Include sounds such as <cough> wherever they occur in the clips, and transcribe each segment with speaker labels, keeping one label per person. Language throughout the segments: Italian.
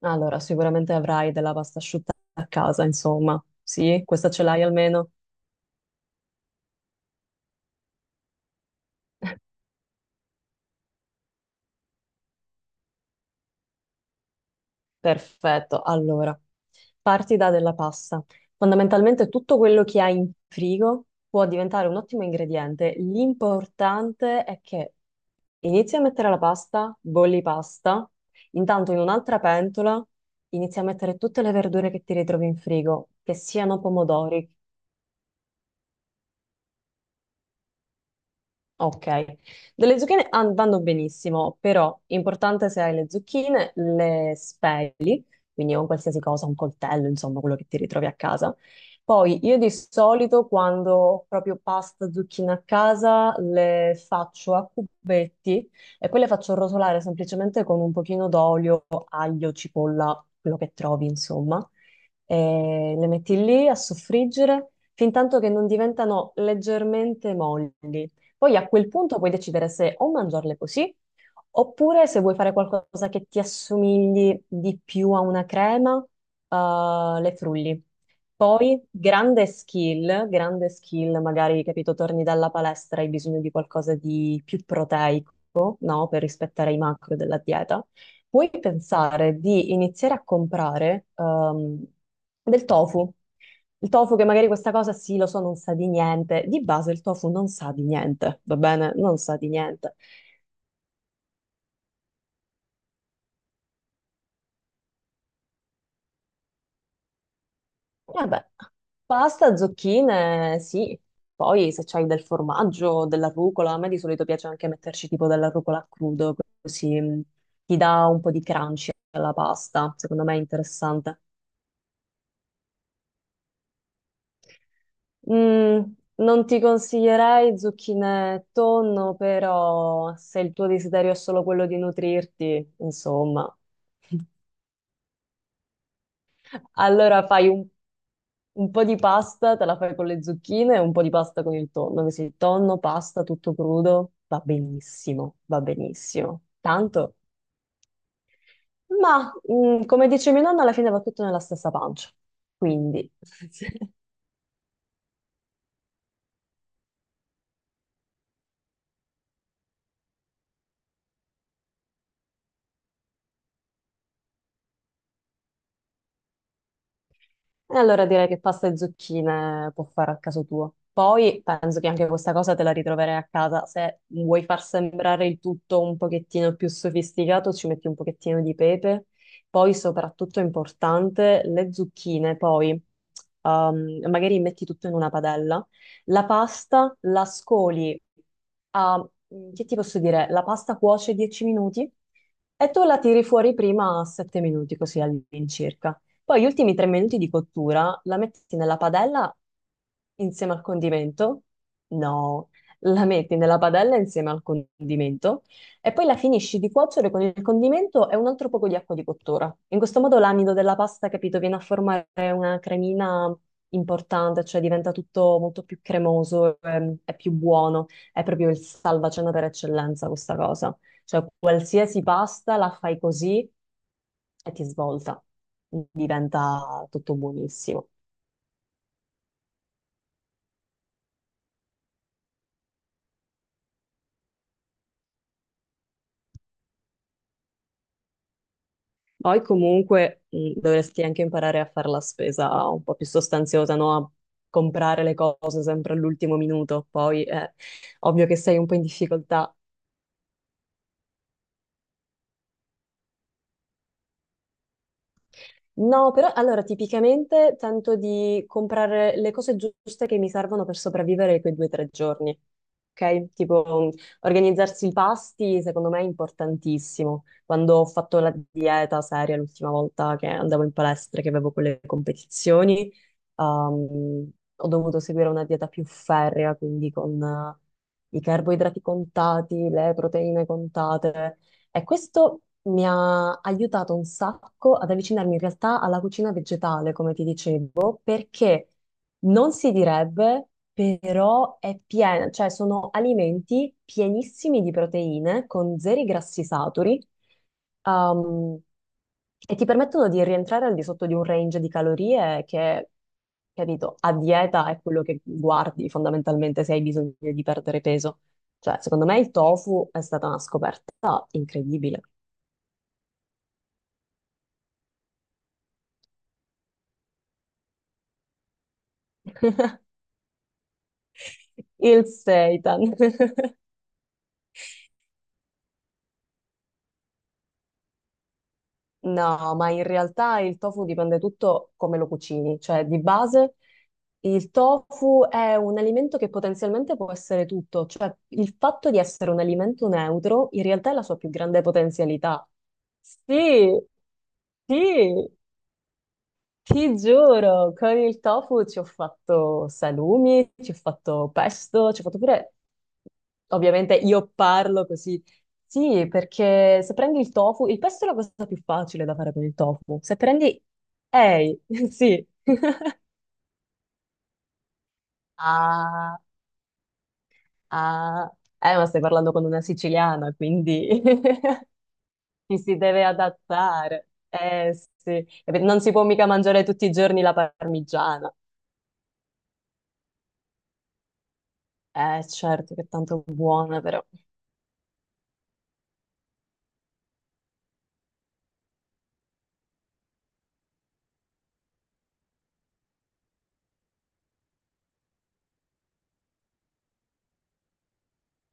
Speaker 1: Allora, sicuramente avrai della pasta asciutta a casa, insomma. Sì, questa ce l'hai almeno? Perfetto. Allora, parti da della pasta. Fondamentalmente tutto quello che hai in frigo può diventare un ottimo ingrediente. L'importante è che inizi a mettere la pasta, bolli pasta, intanto in un'altra pentola inizi a mettere tutte le verdure che ti ritrovi in frigo, che siano pomodori, ok, delle zucchine vanno benissimo, però importante se hai le zucchine, le spei, quindi un qualsiasi cosa, un coltello, insomma, quello che ti ritrovi a casa. Poi io di solito quando ho proprio pasta, zucchine a casa, le faccio a cubetti e poi le faccio rosolare semplicemente con un pochino d'olio, aglio, cipolla, quello che trovi, insomma. E le metti lì a soffriggere fin tanto che non diventano leggermente molli. Poi a quel punto puoi decidere se o mangiarle così oppure se vuoi fare qualcosa che ti assomigli di più a una crema, le frulli. Poi, grande skill, magari, capito, torni dalla palestra, hai bisogno di qualcosa di più proteico, no? Per rispettare i macro della dieta. Puoi pensare di iniziare a comprare, del tofu. Il tofu, che magari questa cosa sì, lo so, non sa di niente. Di base il tofu non sa di niente, va bene? Non sa di niente. Vabbè, pasta, zucchine, sì. Poi se c'hai del formaggio, della rucola, a me di solito piace anche metterci tipo della rucola a crudo, così ti dà un po' di crunchy alla pasta, secondo me è interessante. Mm, Non ti consiglierei zucchine e tonno, però se il tuo desiderio è solo quello di nutrirti, insomma, allora fai un po' di pasta te la fai con le zucchine e un po' di pasta con il tonno, che se il tonno, pasta tutto crudo, va benissimo, va benissimo. Tanto, ma come dice mia nonna, alla fine va tutto nella stessa pancia. Quindi, <laughs> e allora direi che pasta e zucchine può fare a caso tuo. Poi penso che anche questa cosa te la ritroverai a casa. Se vuoi far sembrare il tutto un pochettino più sofisticato, ci metti un pochettino di pepe. Poi, soprattutto importante, le zucchine. Poi magari metti tutto in una padella. La pasta la scoli a, che ti posso dire? La pasta cuoce 10 minuti. E tu la tiri fuori prima a 7 minuti, così all'incirca. Poi gli ultimi 3 minuti di cottura la metti nella padella insieme al condimento. No, la metti nella padella insieme al condimento e poi la finisci di cuocere con il condimento e un altro poco di acqua di cottura. In questo modo l'amido della pasta, capito, viene a formare una cremina importante, cioè diventa tutto molto più cremoso, è più buono, è proprio il salvacena per eccellenza questa cosa. Cioè qualsiasi pasta la fai così e ti svolta, diventa tutto buonissimo. Poi comunque dovresti anche imparare a fare la spesa un po' più sostanziosa, no? A comprare le cose sempre all'ultimo minuto. Poi è ovvio che sei un po' in difficoltà. No, però allora tipicamente tento di comprare le cose giuste che mi servono per sopravvivere quei 2 o 3 giorni. Ok? Tipo, organizzarsi i pasti, secondo me è importantissimo. Quando ho fatto la dieta seria l'ultima volta che andavo in palestra, che avevo quelle competizioni, ho dovuto seguire una dieta più ferrea, quindi con i carboidrati contati, le proteine contate. E questo mi ha aiutato un sacco ad avvicinarmi in realtà alla cucina vegetale, come ti dicevo, perché non si direbbe, però è piena, cioè sono alimenti pienissimi di proteine con zeri grassi saturi. um, e ti permettono di rientrare al di sotto di un range di calorie che, capito, a dieta è quello che guardi fondamentalmente se hai bisogno di perdere peso. Cioè, secondo me il tofu è stata una scoperta. Incredibile. Il seitan. <laughs> No, ma in realtà il tofu dipende tutto come lo cucini, cioè di base il tofu è un alimento che potenzialmente può essere tutto, cioè il fatto di essere un alimento neutro in realtà è la sua più grande potenzialità. Sì, sì, ti giuro, con il tofu ci ho fatto salumi, ci ho fatto pesto, ci ho fatto pure... Ovviamente io parlo così. Sì, perché se prendi il tofu, il pesto è la cosa più facile da fare con il tofu. Se prendi... Ehi, <laughs> sì. Ah, ah. Ma stai parlando con una siciliana, quindi <laughs> ci si deve adattare. Eh sì, non si può mica mangiare tutti i giorni la parmigiana. Eh certo, che è tanto buona però.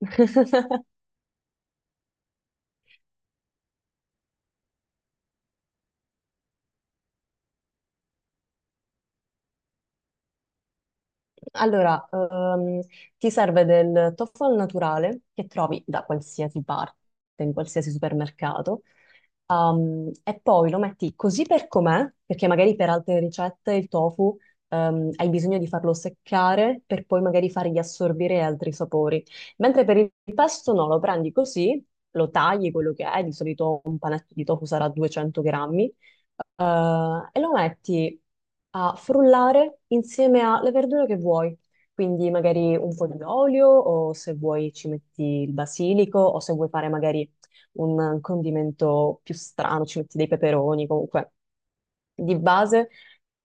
Speaker 1: <laughs> Allora, ti serve del tofu al naturale che trovi da qualsiasi parte, in qualsiasi supermercato, e poi lo metti così per com'è, perché magari per altre ricette il tofu, hai bisogno di farlo seccare per poi magari fargli assorbire altri sapori. Mentre per il pesto no, lo prendi così, lo tagli quello che è, di solito un panetto di tofu sarà 200 grammi, e lo metti a frullare insieme alle verdure che vuoi. Quindi magari un po' di olio, o se vuoi ci metti il basilico, o se vuoi fare magari un condimento più strano, ci metti dei peperoni, comunque di base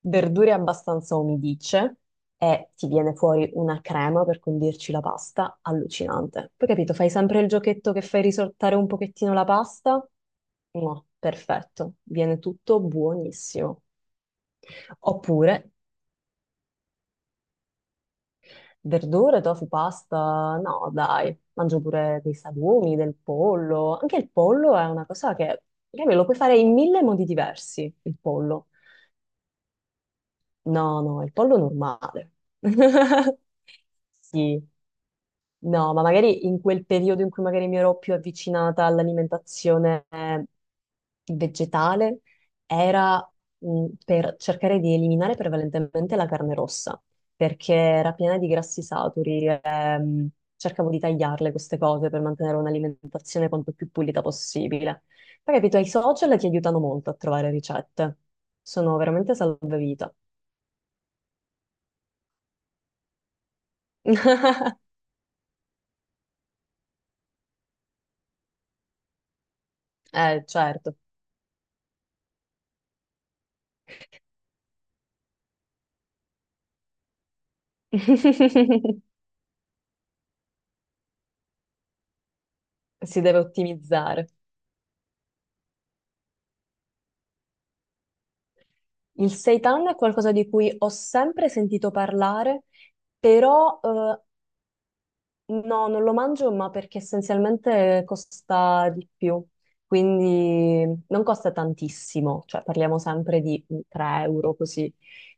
Speaker 1: verdure abbastanza umidicce, e ti viene fuori una crema per condirci la pasta allucinante. Poi capito, fai sempre il giochetto che fai risottare un pochettino la pasta? No, perfetto, viene tutto buonissimo. Oppure verdure, tofu, pasta? No, dai, mangio pure dei salumi, del pollo. Anche il pollo è una cosa che me lo puoi fare in mille modi diversi, il pollo. No, no, il pollo normale. <laughs> Sì. No, ma magari in quel periodo in cui magari mi ero più avvicinata all'alimentazione vegetale, era per cercare di eliminare prevalentemente la carne rossa, perché era piena di grassi saturi. Cercavo di tagliarle queste cose per mantenere un'alimentazione quanto più pulita possibile. Poi, capito, i social ti aiutano molto a trovare ricette. Sono veramente salvavita. <laughs> Certo. <laughs> Si deve ottimizzare. Il seitan è qualcosa di cui ho sempre sentito parlare, però no, non lo mangio, ma perché essenzialmente costa di più, quindi non costa tantissimo, cioè parliamo sempre di 3 euro così,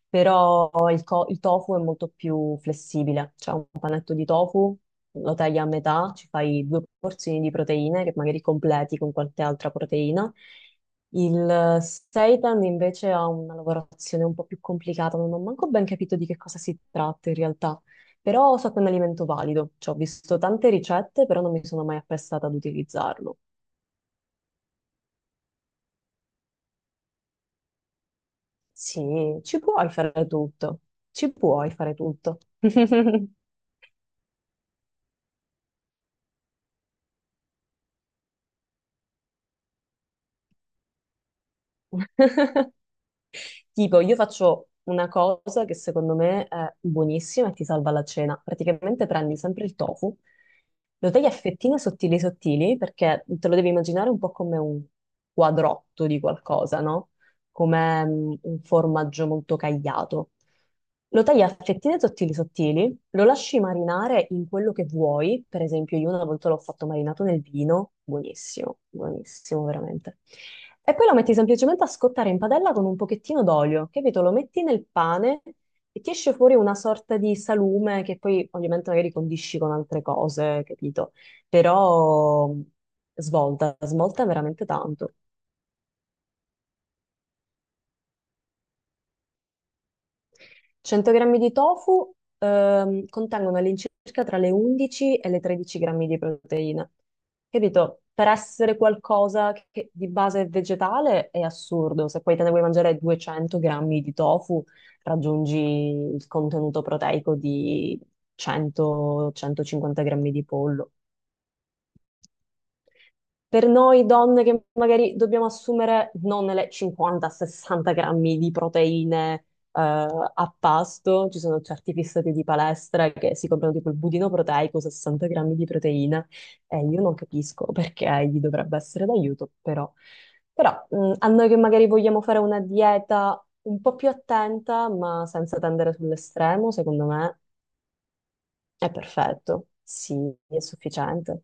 Speaker 1: però il tofu è molto più flessibile, cioè un panetto di tofu lo tagli a metà, ci fai due porzioni di proteine che magari completi con qualche altra proteina. Il seitan invece ha una lavorazione un po' più complicata, non ho manco ben capito di che cosa si tratta in realtà. Però so che è un alimento valido, cioè, ho visto tante ricette, però non mi sono mai apprestata ad utilizzarlo. Sì, ci puoi fare tutto, ci puoi fare tutto. <laughs> Tipo, io faccio una cosa che secondo me è buonissima e ti salva la cena. Praticamente prendi sempre il tofu, lo tagli a fettine sottili sottili, perché te lo devi immaginare un po' come un quadrotto di qualcosa, no? Come un formaggio molto cagliato. Lo tagli a fettine sottili sottili, lo lasci marinare in quello che vuoi, per esempio io una volta l'ho fatto marinato nel vino, buonissimo, buonissimo veramente. E poi lo metti semplicemente a scottare in padella con un pochettino d'olio, capito? Lo metti nel pane e ti esce fuori una sorta di salume che poi ovviamente magari condisci con altre cose, capito? Però svolta, svolta veramente tanto. 100 grammi di tofu contengono all'incirca tra le 11 e le 13 grammi di proteine. Capito? Per essere qualcosa che di base è vegetale è assurdo. Se poi te ne vuoi mangiare 200 grammi di tofu, raggiungi il contenuto proteico di 100-150 grammi di pollo. Per noi donne che magari dobbiamo assumere non le 50-60 grammi di proteine a pasto, ci sono certi fissati di palestra che si comprano tipo il budino proteico, 60 grammi di proteine, e io non capisco perché gli dovrebbe essere d'aiuto, però, a noi che magari vogliamo fare una dieta un po' più attenta, ma senza tendere sull'estremo, secondo me è perfetto, sì, è sufficiente.